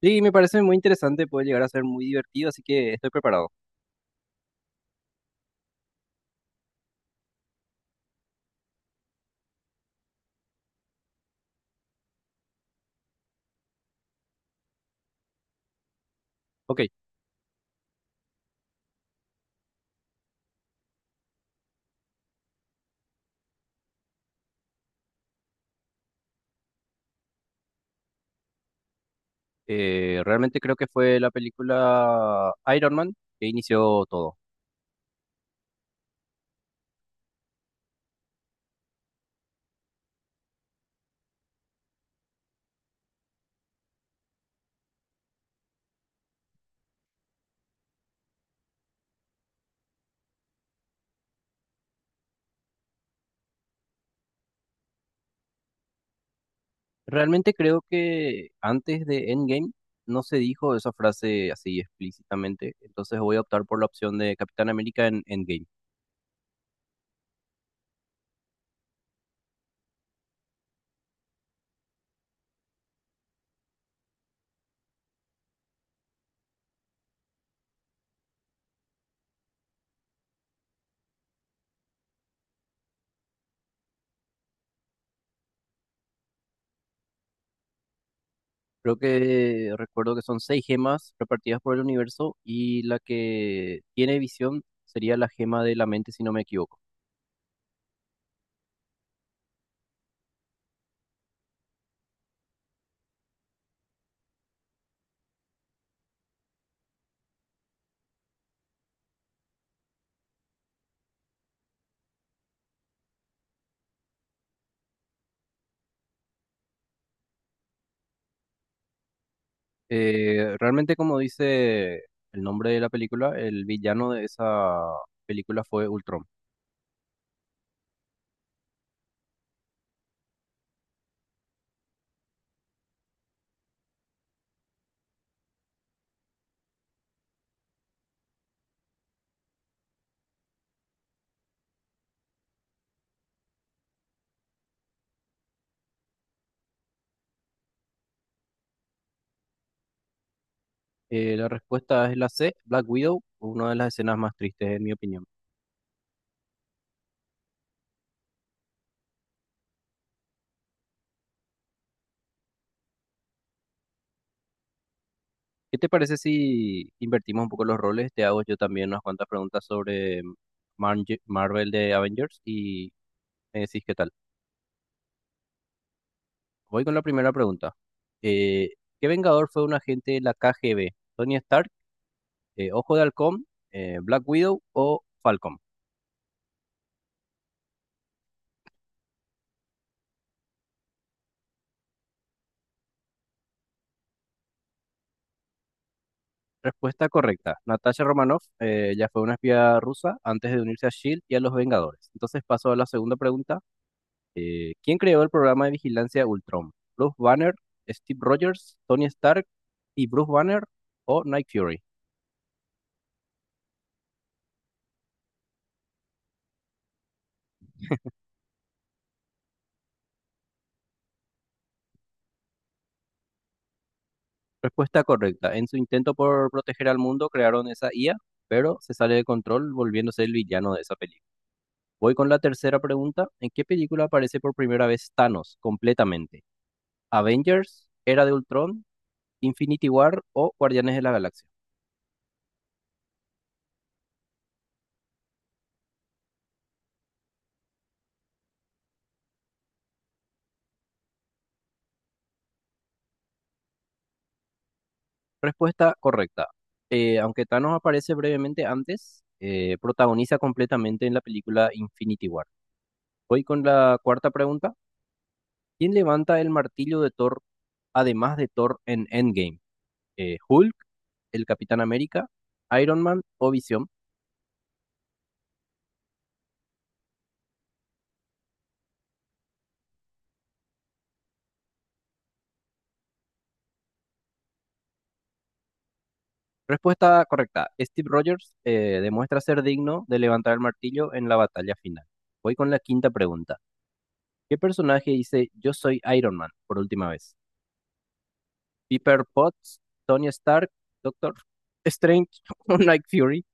Sí, me parece muy interesante, puede llegar a ser muy divertido, así que estoy preparado. Ok, realmente creo que fue la película Iron Man que inició todo. Realmente creo que antes de Endgame no se dijo esa frase así explícitamente, entonces voy a optar por la opción de Capitán América en Endgame. Creo que recuerdo que son seis gemas repartidas por el universo y la que tiene visión sería la gema de la mente, si no me equivoco. Realmente, como dice el nombre de la película, el villano de esa película fue Ultron. La respuesta es la C, Black Widow, una de las escenas más tristes en mi opinión. ¿Qué te parece si invertimos un poco los roles? Te hago yo también unas cuantas preguntas sobre Marvel de Avengers y me decís qué tal. Voy con la primera pregunta. Eh, ¿Qué Vengador fue un agente de la KGB? ¿Tony Stark, Ojo de Halcón, Black Widow o Falcon? Respuesta correcta. Natasha Romanoff ya fue una espía rusa antes de unirse a SHIELD y a los Vengadores. Entonces paso a la segunda pregunta. ¿Quién creó el programa de vigilancia Ultron? ¿Bruce Banner, Steve Rogers, Tony Stark y Bruce Banner o Nick Fury? Respuesta correcta. En su intento por proteger al mundo crearon esa IA, pero se sale de control volviéndose el villano de esa película. Voy con la tercera pregunta. ¿En qué película aparece por primera vez Thanos completamente? ¿Avengers, Era de Ultron, Infinity War o Guardianes de la Galaxia? Respuesta correcta. Aunque Thanos aparece brevemente antes, protagoniza completamente en la película Infinity War. Voy con la cuarta pregunta. ¿Quién levanta el martillo de Thor, además de Thor en Endgame? ¿Hulk, el Capitán América, Iron Man o Visión? Respuesta correcta. Steve Rogers demuestra ser digno de levantar el martillo en la batalla final. Voy con la quinta pregunta. ¿Qué personaje dice Yo soy Iron Man por última vez? Pepper Potts, Tony Stark, Doctor Strange o Night Fury.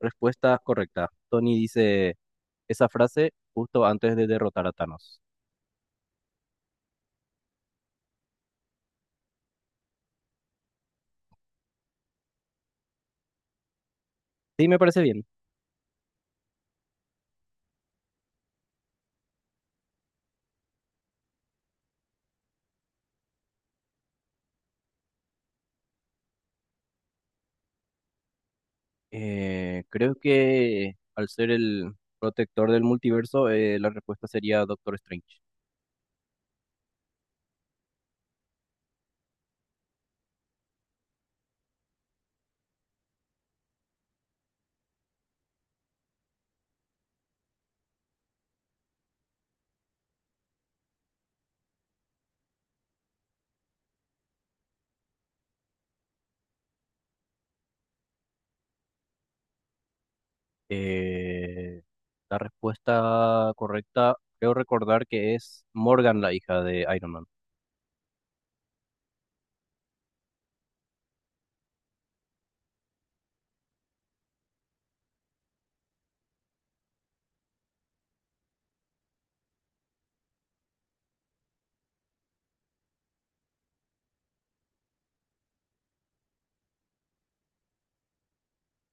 Respuesta correcta. Tony dice esa frase justo antes de derrotar a Thanos. Sí, me parece bien. Creo que al ser el protector del multiverso, la respuesta sería Doctor Strange. Eh, la respuesta correcta, creo recordar que es Morgan, la hija de Iron Man.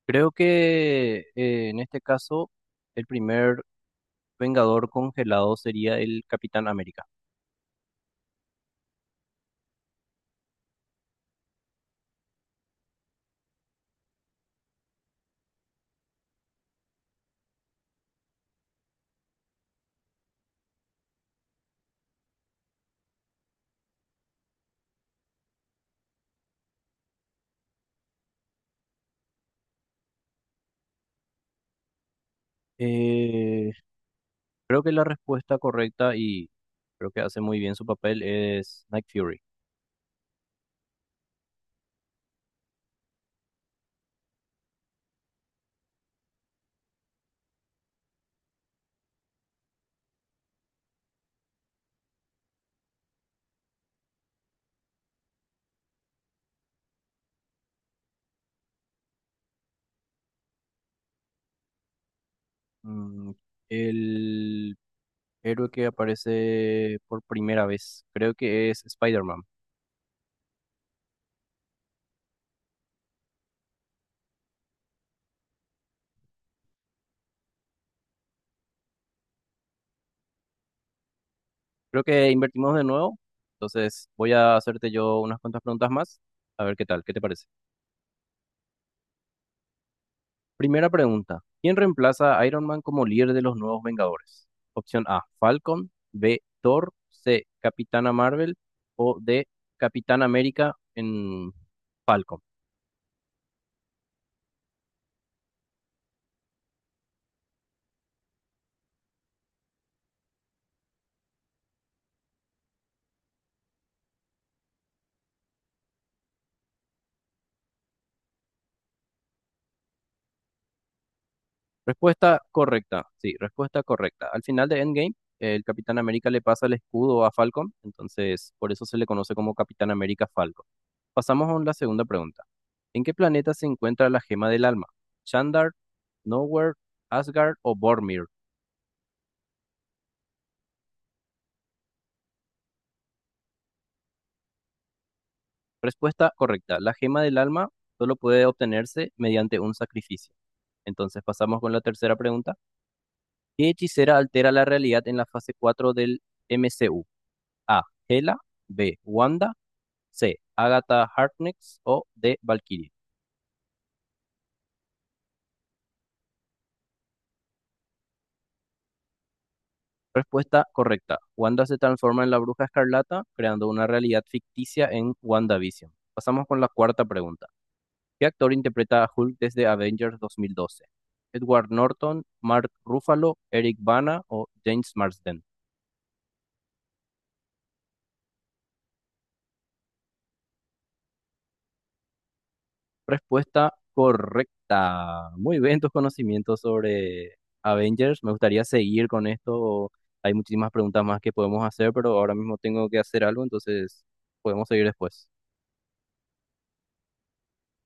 Creo que en este caso, el primer Vengador congelado sería el Capitán América. Eh, Creo que la respuesta correcta y creo que hace muy bien su papel es Nick Fury. Mm, el héroe que aparece por primera vez, creo que es Spider-Man. Creo que invertimos de nuevo, entonces voy a hacerte yo unas cuantas preguntas más, a ver qué tal, ¿qué te parece? Primera pregunta. ¿Quién reemplaza a Iron Man como líder de los nuevos Vengadores? Opción A, Falcon; B, Thor; C, Capitana Marvel o D, Capitán América en Falcon. Respuesta correcta, sí, respuesta correcta. Al final de Endgame, el Capitán América le pasa el escudo a Falcon, entonces por eso se le conoce como Capitán América Falcon. Pasamos a la segunda pregunta. ¿En qué planeta se encuentra la gema del alma? ¿Chandar, Nowhere, Asgard o Bormir? Respuesta correcta. La gema del alma solo puede obtenerse mediante un sacrificio. Entonces pasamos con la tercera pregunta. ¿Qué hechicera altera la realidad en la fase 4 del MCU? A. Hela. B. Wanda. C. Agatha Harkness. O D. Valkyrie. Respuesta correcta. Wanda se transforma en la Bruja Escarlata, creando una realidad ficticia en WandaVision. Pasamos con la cuarta pregunta. ¿Qué actor interpreta a Hulk desde Avengers 2012? ¿Edward Norton, Mark Ruffalo, Eric Bana o James Marsden? Respuesta correcta. Muy bien tus conocimientos sobre Avengers. Me gustaría seguir con esto. Hay muchísimas preguntas más que podemos hacer, pero ahora mismo tengo que hacer algo, entonces podemos seguir después.